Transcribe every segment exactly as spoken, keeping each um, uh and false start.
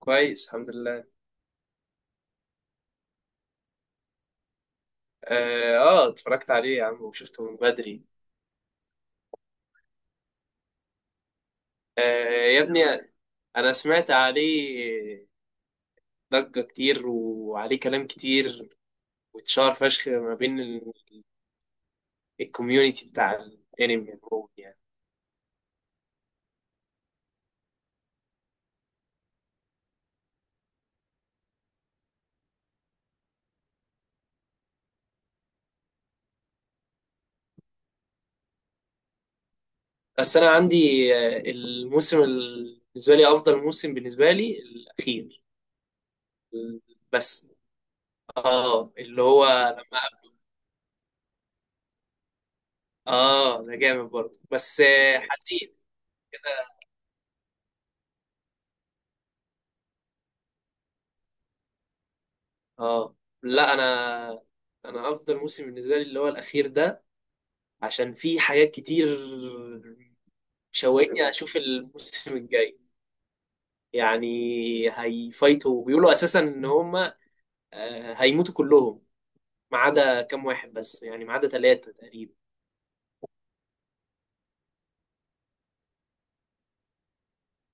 كويس، الحمد لله. اه آه، اتفرجت عليه يا عم وشفته من بدري. آه. يا ابني، انا سمعت عليه ضجة كتير وعليه كلام كتير، واتشهر فشخ ما بين ال- الكوميونتي بتاع الانمي عموما يعني. بس انا عندي، آه، الموسم ال- بالنسبة لي افضل موسم بالنسبة لي الاخير. بس اه اللي هو لما، اه ده جامد برضه، بس آه، حزين. اه، لا انا انا افضل موسم بالنسبه لي اللي هو الاخير ده، عشان فيه حاجات كتير شوقتني اشوف الموسم الجاي. يعني هيفايتوا، بيقولوا اساسا ان هم آه، هيموتوا كلهم ما عدا كام واحد، بس يعني ما عدا ثلاثه تقريبا.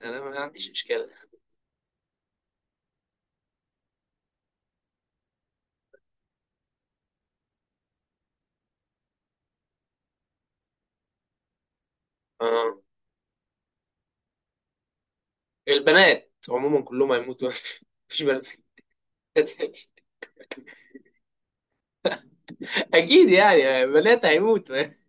انا ما عنديش اشكال. اه، البنات عموما كلهم هيموتوا. مفيش بنات. اكيد، يعني بنات هيموتوا.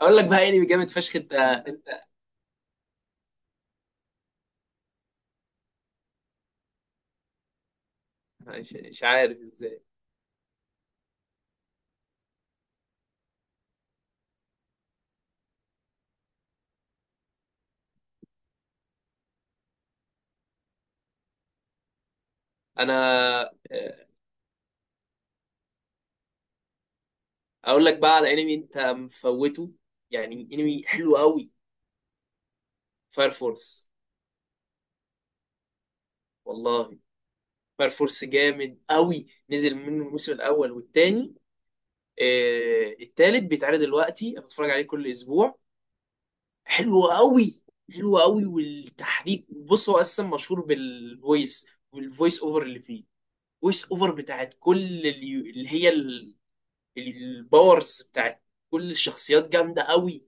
اقول لك بقى انمي جامد فشخ انت انت مش مش عارف ازاي. انا، آه، اقول لك بقى على انمي انت مفوته، يعني انمي حلو قوي، فاير فورس. والله، فاير فورس جامد قوي، نزل منه الموسم الاول والتاني. آه، التالت بيتعرض دلوقتي، انا بتفرج عليه كل اسبوع. حلو قوي. حلو قوي، والتحريك، بص هو اصلا مشهور بالفويس والفويس اوفر اللي فيه. فويس اوفر بتاعت كل اللي اللي هي ال- الباورز بتاعت كل الشخصيات جامده قوي.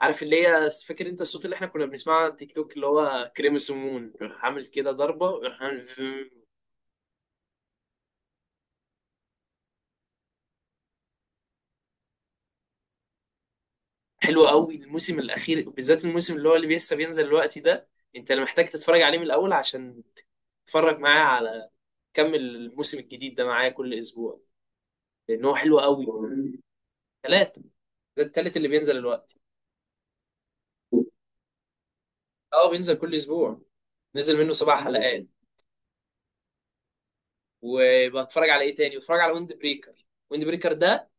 عارف اللي هي، فاكر انت الصوت اللي احنا كنا بنسمعه على تيك توك، اللي هو كريمسمون راح عامل كده ضربه وراح عامل فم. حلو قوي الموسم الاخير بالذات، الموسم اللي هو اللي لسه بينزل دلوقتي ده، انت اللي محتاج تتفرج عليه من الاول عشان تتفرج معاه على، كمل الموسم الجديد ده معايا كل اسبوع، لان هو حلو قوي. ثلاثه. ده التالت اللي بينزل دلوقتي. اه بينزل كل اسبوع، نزل منه سبع حلقات. وبتفرج على ايه تاني؟ بتفرج على ويند بريكر. ويند بريكر ده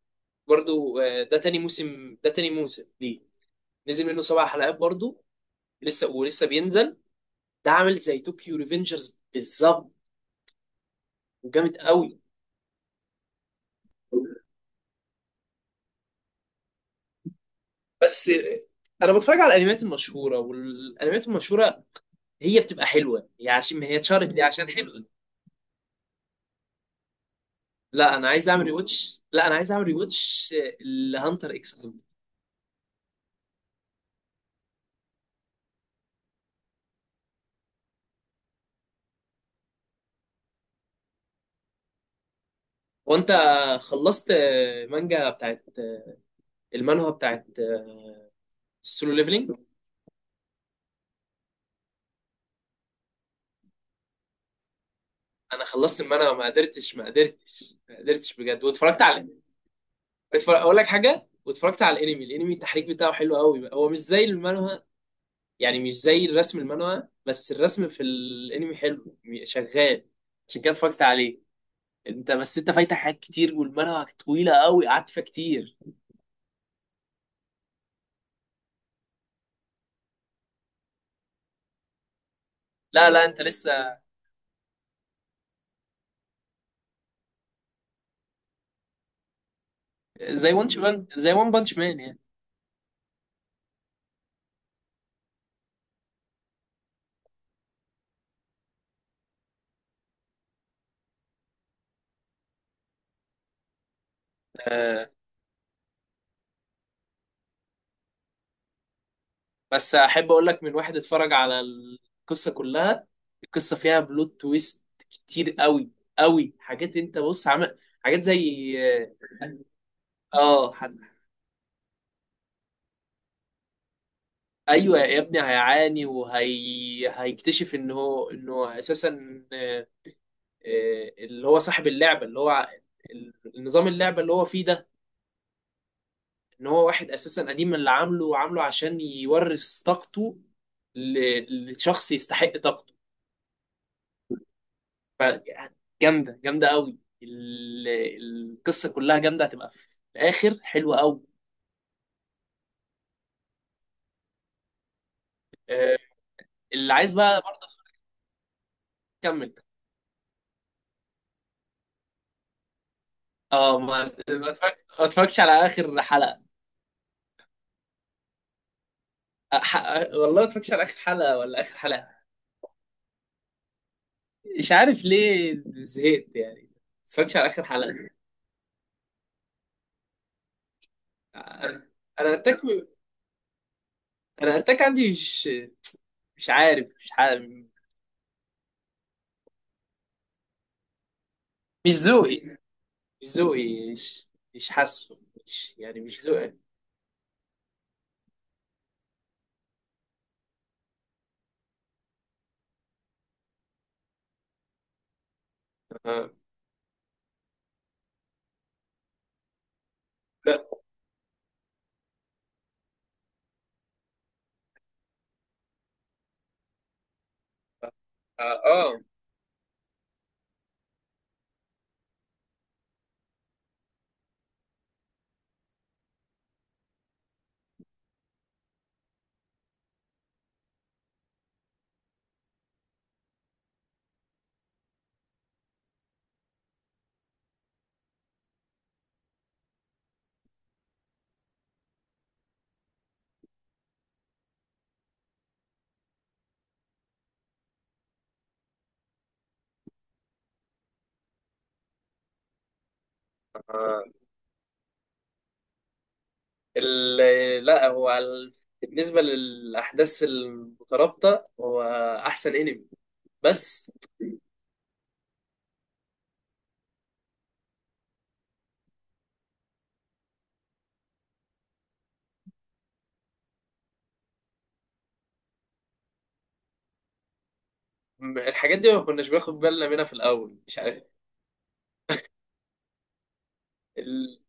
برضو آه، ده تاني موسم، ده تاني موسم ليه، نزل منه سبع حلقات برضو. لسه ولسه بينزل. ده عامل زي طوكيو ريفنجرز بالظبط، وجامد قوي. بس آه، انا بتفرج على الانميات المشهوره، والانميات المشهوره هي بتبقى حلوه، هي عشان هي اتشهرت ليه؟ عشان حلوه. لا انا عايز اعمل ريواتش. لا انا عايز اعمل ريواتش لهانتر اكس هانتر. وانت خلصت مانجا بتاعت آه، المانهوا بتاعت السولو ليفلينج؟ انا خلصت المانهوا، ما قدرتش، ما قدرتش، ما قدرتش بجد، واتفرجت على، اتفرج اقول لك حاجه، واتفرجت على الانمي الانمي التحريك بتاعه حلو قوي، هو مش زي المانهوا. يعني مش زي الرسم المانهوا، بس الرسم في الانمي حلو، شغال، عشان كده اتفرجت عليه. انت بس، انت فايتك حاجات كتير، والمانهوا طويله قوي قعدت فيها كتير. لا لا انت لسه، زي وان مان زي وان بانش مان يعني. آه، بس احب اقول لك من واحد اتفرج على القصه كلها. القصه فيها بلوت تويست كتير قوي، قوي، حاجات. انت بص، عمل حاجات زي، اه آه، ايوه يا ابني هيعاني، وهي هيكتشف ان هو، انه اساسا، آه، آه، اللي هو صاحب اللعبه، اللي هو ع- النظام اللعبه اللي هو فيه ده، ان هو واحد اساسا قديم اللي عامله، وعامله عشان يورث طاقته ل- لشخص يستحق طاقته. ف- يعني جامده، جامده قوي، ال- القصه كلها جامده، هتبقى في الاخر حلوه قوي. آه، اللي عايز بقى برضه. كمل. اه ما ما اتفرج- ما اتفرجتش على اخر حلقه. أح... والله ما اتفرجتش على اخر حلقه ولا اخر حلقه. مش عارف ليه زهقت يعني، ما اتفرجتش على اخر حلقه دي. انا انا اتاك، انا اتاك عندي، مش مش عارف، مش عارف مش ذوقي، مش ذوقي مش مش حاسه، مش، يعني مش ذوقي. آه. لا. اه، آه. آه. ال... لا هو ال... بالنسبه للاحداث المترابطه، هو احسن انمي. بس م- الحاجات دي ما كناش بناخد بالنا منها في الاول، مش عارف.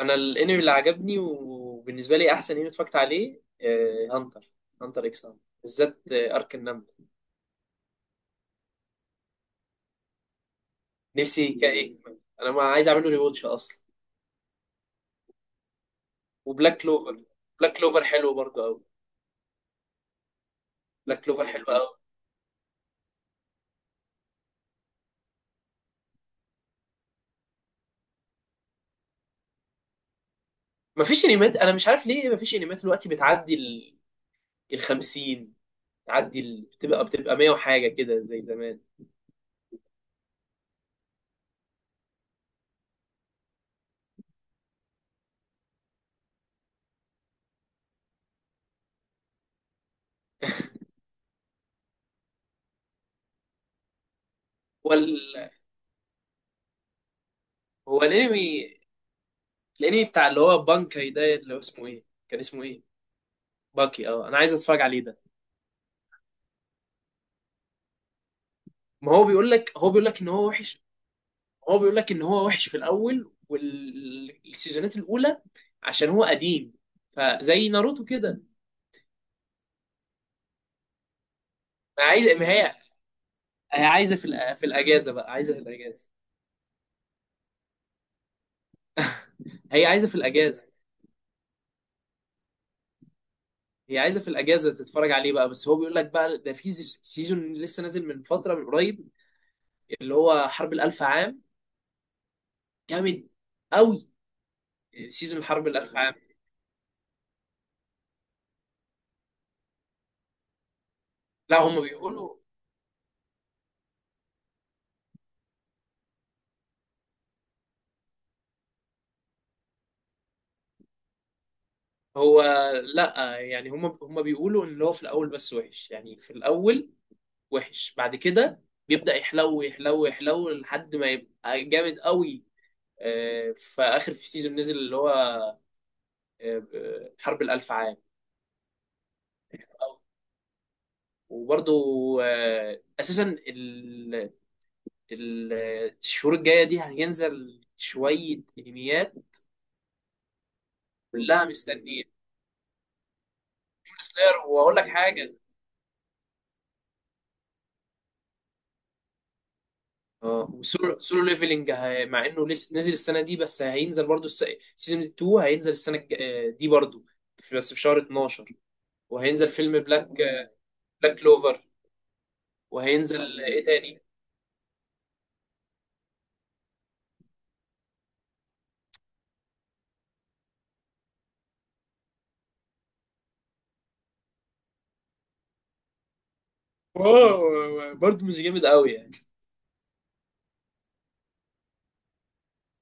انا الانمي اللي عجبني، وبالنسبه لي احسن انمي اتفرجت عليه آه، هانتر، هانتر اكس هانتر، بالذات آه، ارك النمل. نفسي كا يكمل، انا ما عايز اعمله ريواتش اصلا. وبلاك كلوفر، بلاك كلوفر حلو برضه قوي. بلاك كلوفر حلو قوي. مفيش انميات، انا مش عارف ليه مفيش انميات دلوقتي بتعدي ال ال خمسين، بتعدي ال... بتبقى بتبقى مية وحاجه كده زي زمان. هو ال... هو الانمي، الانمي بتاع اللي هو بانكاي ده، اللي هو اسمه ايه، كان اسمه ايه، باكي، اه انا عايز اتفرج عليه ده. ما هو بيقول لك، هو بيقول لك ان هو وحش. هو بيقول لك ان هو وحش في الاول والسيزونات الاولى عشان هو قديم، فزي ناروتو كده. ما عايز، ما هي، هي عايزه في الأ- في الاجازه بقى، عايزه في الاجازه. هي عايزه في الاجازه. هي عايزه في الاجازه تتفرج عليه بقى. بس هو بيقول لك بقى ده في سيز- سيزون لسه نازل من فتره من قريب، اللي هو حرب الالف عام، جامد قوي. سيزون الحرب الالف عام. لا هم بيقولوا، هو، لا يعني هم هم بيقولوا ان هو في الاول بس وحش، يعني في الاول وحش، بعد كده بيبدأ يحلو، يحلو، يحلو لحد ما يبقى جامد قوي. آه، في آخر، في سيزون نزل اللي هو آه، حرب الألف عام. وبرضو آه، أساسا ال- ال- الشهور الجاية دي هينزل شوية أنميات، كلها مستنية، سلاير، وأقول لك حاجة. اه وسولو، سولو ليفلنج هي- مع انه لسه نزل السنه دي، بس هينزل برضو الس- سيزون اتنين هينزل السنه الج- آه، دي برضو، في- بس في شهر اتناشر. وهينزل فيلم بلاك، بلاك كلوفر. وهينزل ايه تاني؟ واو برضه مش جامد قوي يعني.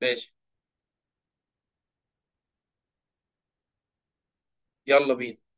ماشي. يلا بينا.